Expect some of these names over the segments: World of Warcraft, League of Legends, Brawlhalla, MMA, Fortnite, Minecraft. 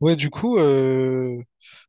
Ouais, du coup,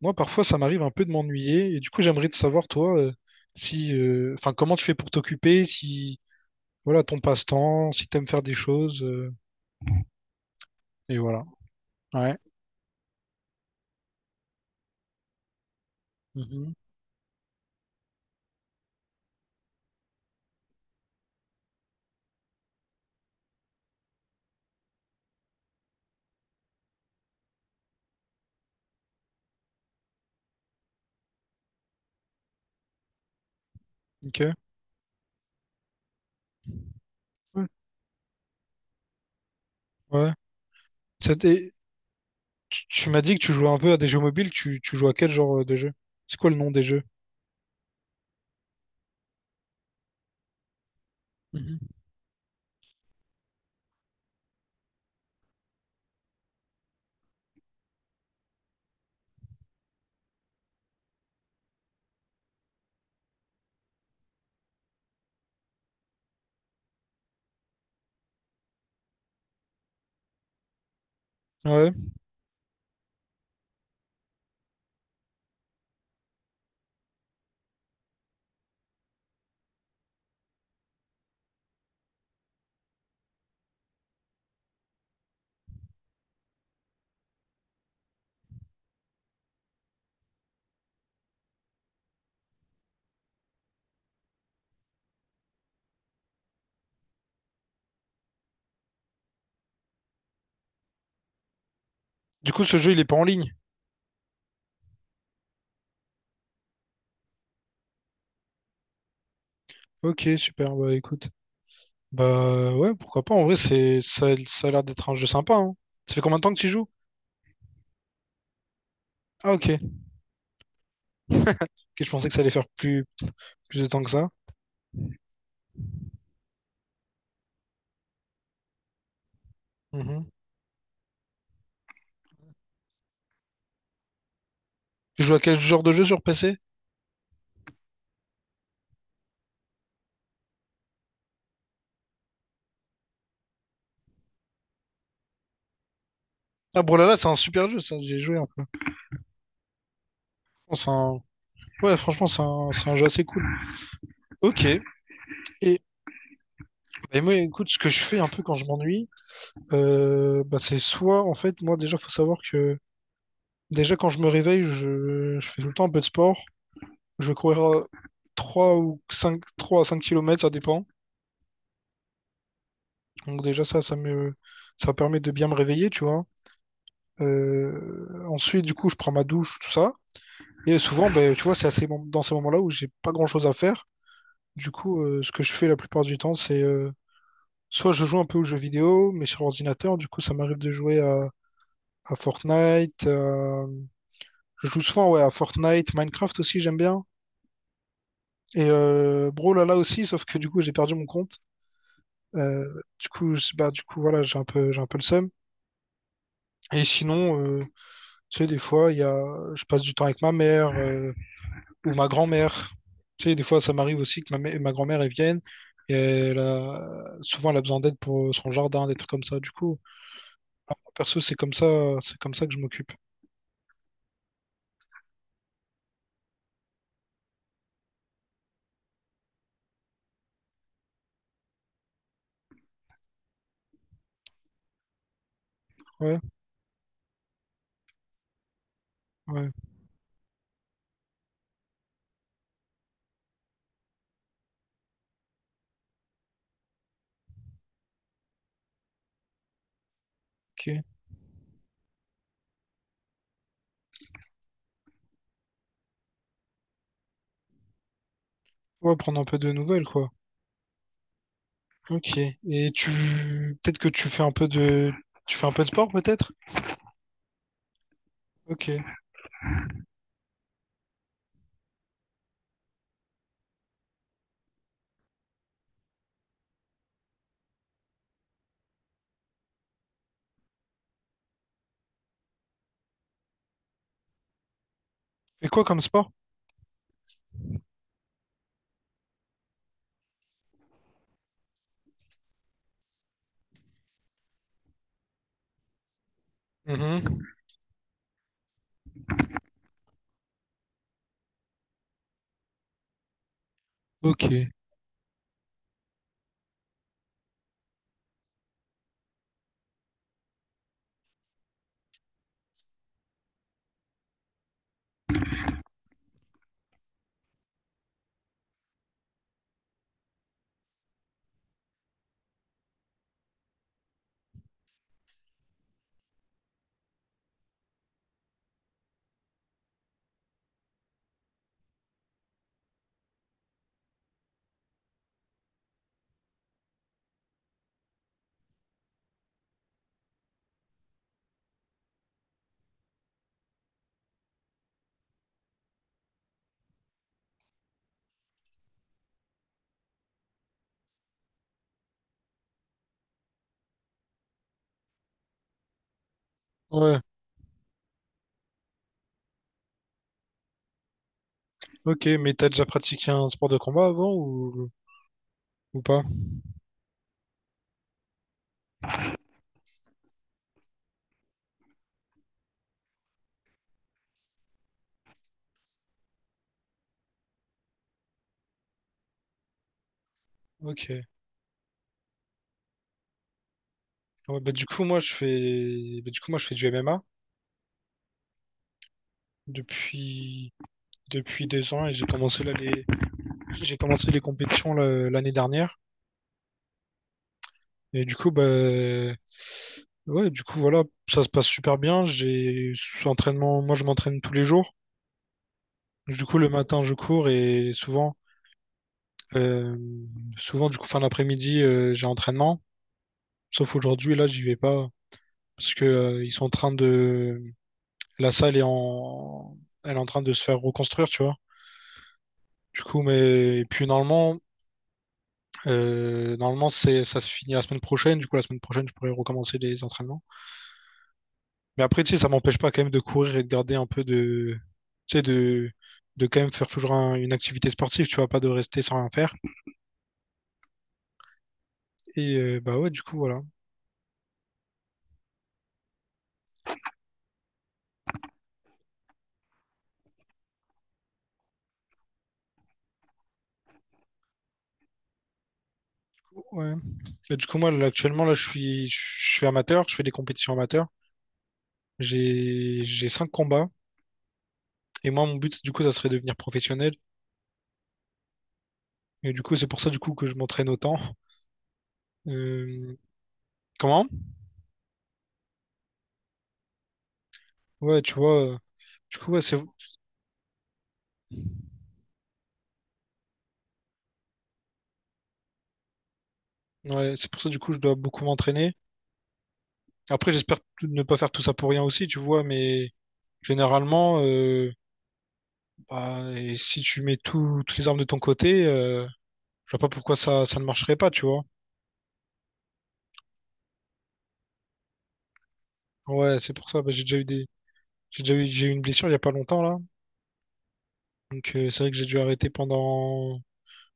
moi parfois ça m'arrive un peu de m'ennuyer et du coup j'aimerais te savoir toi, si, enfin comment tu fais pour t'occuper, si voilà ton passe-temps, si t'aimes faire des choses et voilà. Ouais. Mhm. Ok. Ouais. Ouais. Ça t'est- tu m'as dit que tu jouais un peu à des jeux mobiles. Tu joues à quel genre de jeu? C'est quoi le nom des jeux? Mhm. Ouais. Du coup, ce jeu il est pas en ligne. Ok, super. Bah écoute, bah ouais, pourquoi pas. En vrai, c'est ça, ça a l'air d'être un jeu sympa, hein. Ça fait combien de temps que tu y joues? Ah ok. Ok, je pensais que ça allait faire plus. Plus de temps que ça. Mhm. Tu joues à quel genre de jeu sur PC? Ah, Brawlhalla, c'est un super jeu, ça, j'ai joué un peu. C'est un- Ouais, franchement, c'est un c'est un jeu assez cool. Ok. Et, et moi, écoute, ce que je fais un peu quand je m'ennuie, bah, c'est soit, en fait, moi, déjà, faut savoir que, déjà, quand je me réveille, je fais tout le temps un peu de sport. Je vais courir, 3 ou cinq, 3 à 5 kilomètres, ça dépend. Donc, déjà, ça permet de bien me réveiller, tu vois. Ensuite, du coup, je prends ma douche, tout ça. Et souvent, ben, tu vois, c'est à dans ces moments-là où j'ai pas grand-chose à faire. Du coup, ce que je fais la plupart du temps, c'est, soit je joue un peu aux jeux vidéo, mais sur ordinateur. Du coup, ça m'arrive de à Fortnite. Je joue souvent, ouais, à Fortnite, Minecraft aussi, j'aime bien. Et Brawl là aussi, sauf que du coup, j'ai perdu mon compte. Euh, Bah, du coup, voilà, j'ai un peu le seum. Et sinon, tu sais, des fois, je passe du temps avec ma mère, ou ma grand-mère. Tu sais, des fois, ça m'arrive aussi que ma grand-mère, elle vienne et souvent, elle a besoin d'aide pour son jardin, des trucs comme ça. Du coup, perso, c'est comme ça que je m'occupe. Ouais, ouais, ok. Ouais, prendre un peu de nouvelles, quoi. Ok. Et tu, peut-être que tu fais un peu de, tu fais un peu de sport, peut-être? Ok. Et quoi comme sport? Mhm. Ok. Ouais. Ok, mais t'as déjà pratiqué un sport de combat avant ou pas? Ok. Ouais, bah, du coup moi je fais du MMA depuis depuis 2 ans, et j'ai commencé là les j'ai commencé les compétitions l'année dernière, et du coup bah ouais, du coup voilà, ça se passe super bien. J'ai entraînement Moi je m'entraîne tous les jours, du coup le matin je cours, et souvent, euh, fin d'après-midi, j'ai entraînement, sauf aujourd'hui là j'y vais pas parce que, ils sont en train de la salle est en elle est en train de se faire reconstruire, tu vois, du coup. Mais et puis normalement normalement, ça se finit la semaine prochaine. Du coup, la semaine prochaine, je pourrais recommencer les entraînements. Mais après, tu sais, ça m'empêche pas quand même de courir et de garder un peu de, tu sais, de quand même faire toujours une activité sportive. Tu vois, pas de rester sans rien faire. Et bah ouais, du coup, voilà. Ouais. Et du coup, moi, là, actuellement, là, je suis amateur. Je fais des compétitions amateurs. J'ai 5 combats. Et moi, mon but, du coup, ça serait de devenir professionnel. Et du coup, c'est pour ça, du coup, que je m'entraîne autant. Euh, comment? Ouais, tu vois. Du coup, ouais, c'est Ouais, c'est pour ça, du coup, je dois beaucoup m'entraîner. Après, j'espère ne pas faire tout ça pour rien aussi, tu vois, mais généralement, bah, et si tu mets toutes les armes de ton côté, je vois pas pourquoi ça ne marcherait pas, tu vois. Ouais, c'est pour ça, bah, j'ai eu une blessure il y a pas longtemps, là. Donc, c'est vrai que j'ai dû arrêter pendant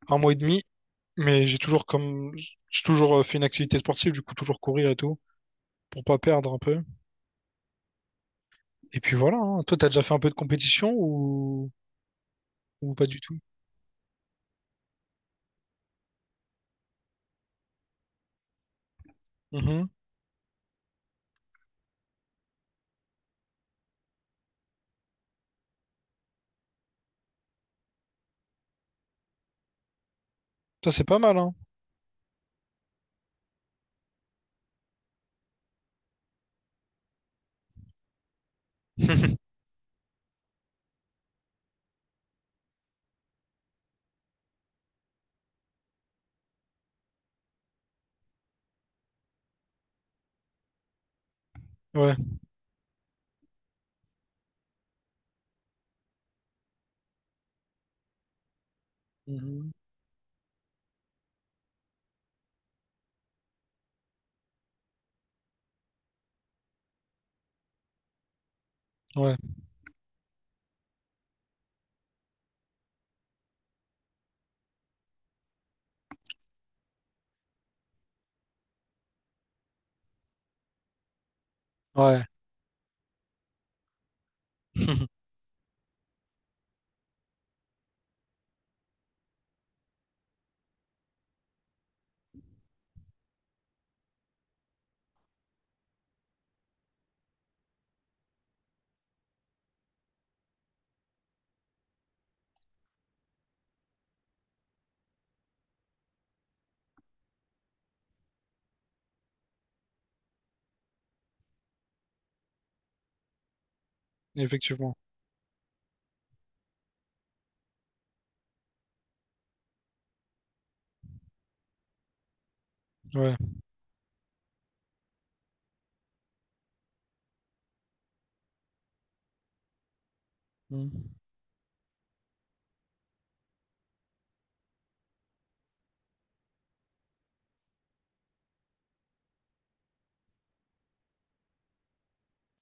1 mois et demi, mais j'ai toujours, fait une activité sportive, du coup, toujours courir et tout, pour pas perdre un peu. Et puis voilà, hein. Toi, t'as déjà fait un peu de compétition ou pas du tout? Mhm. Ça, c'est pas mal, hein. Ouais. Mmh. Ouais. Ouais. Effectivement. Ouais. Mmh.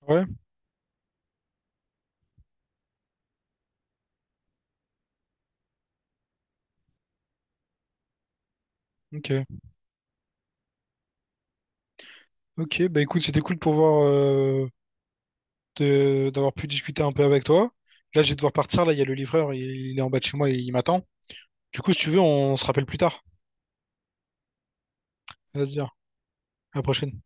Ouais, OK. OK, bah, écoute, c'était cool de pouvoir, de d'avoir pu discuter un peu avec toi. Là, je vais devoir partir, là, il y a le livreur, il est en bas de chez moi, et il m'attend. Du coup, si tu veux, on se rappelle plus tard. Vas-y, hein, à la prochaine.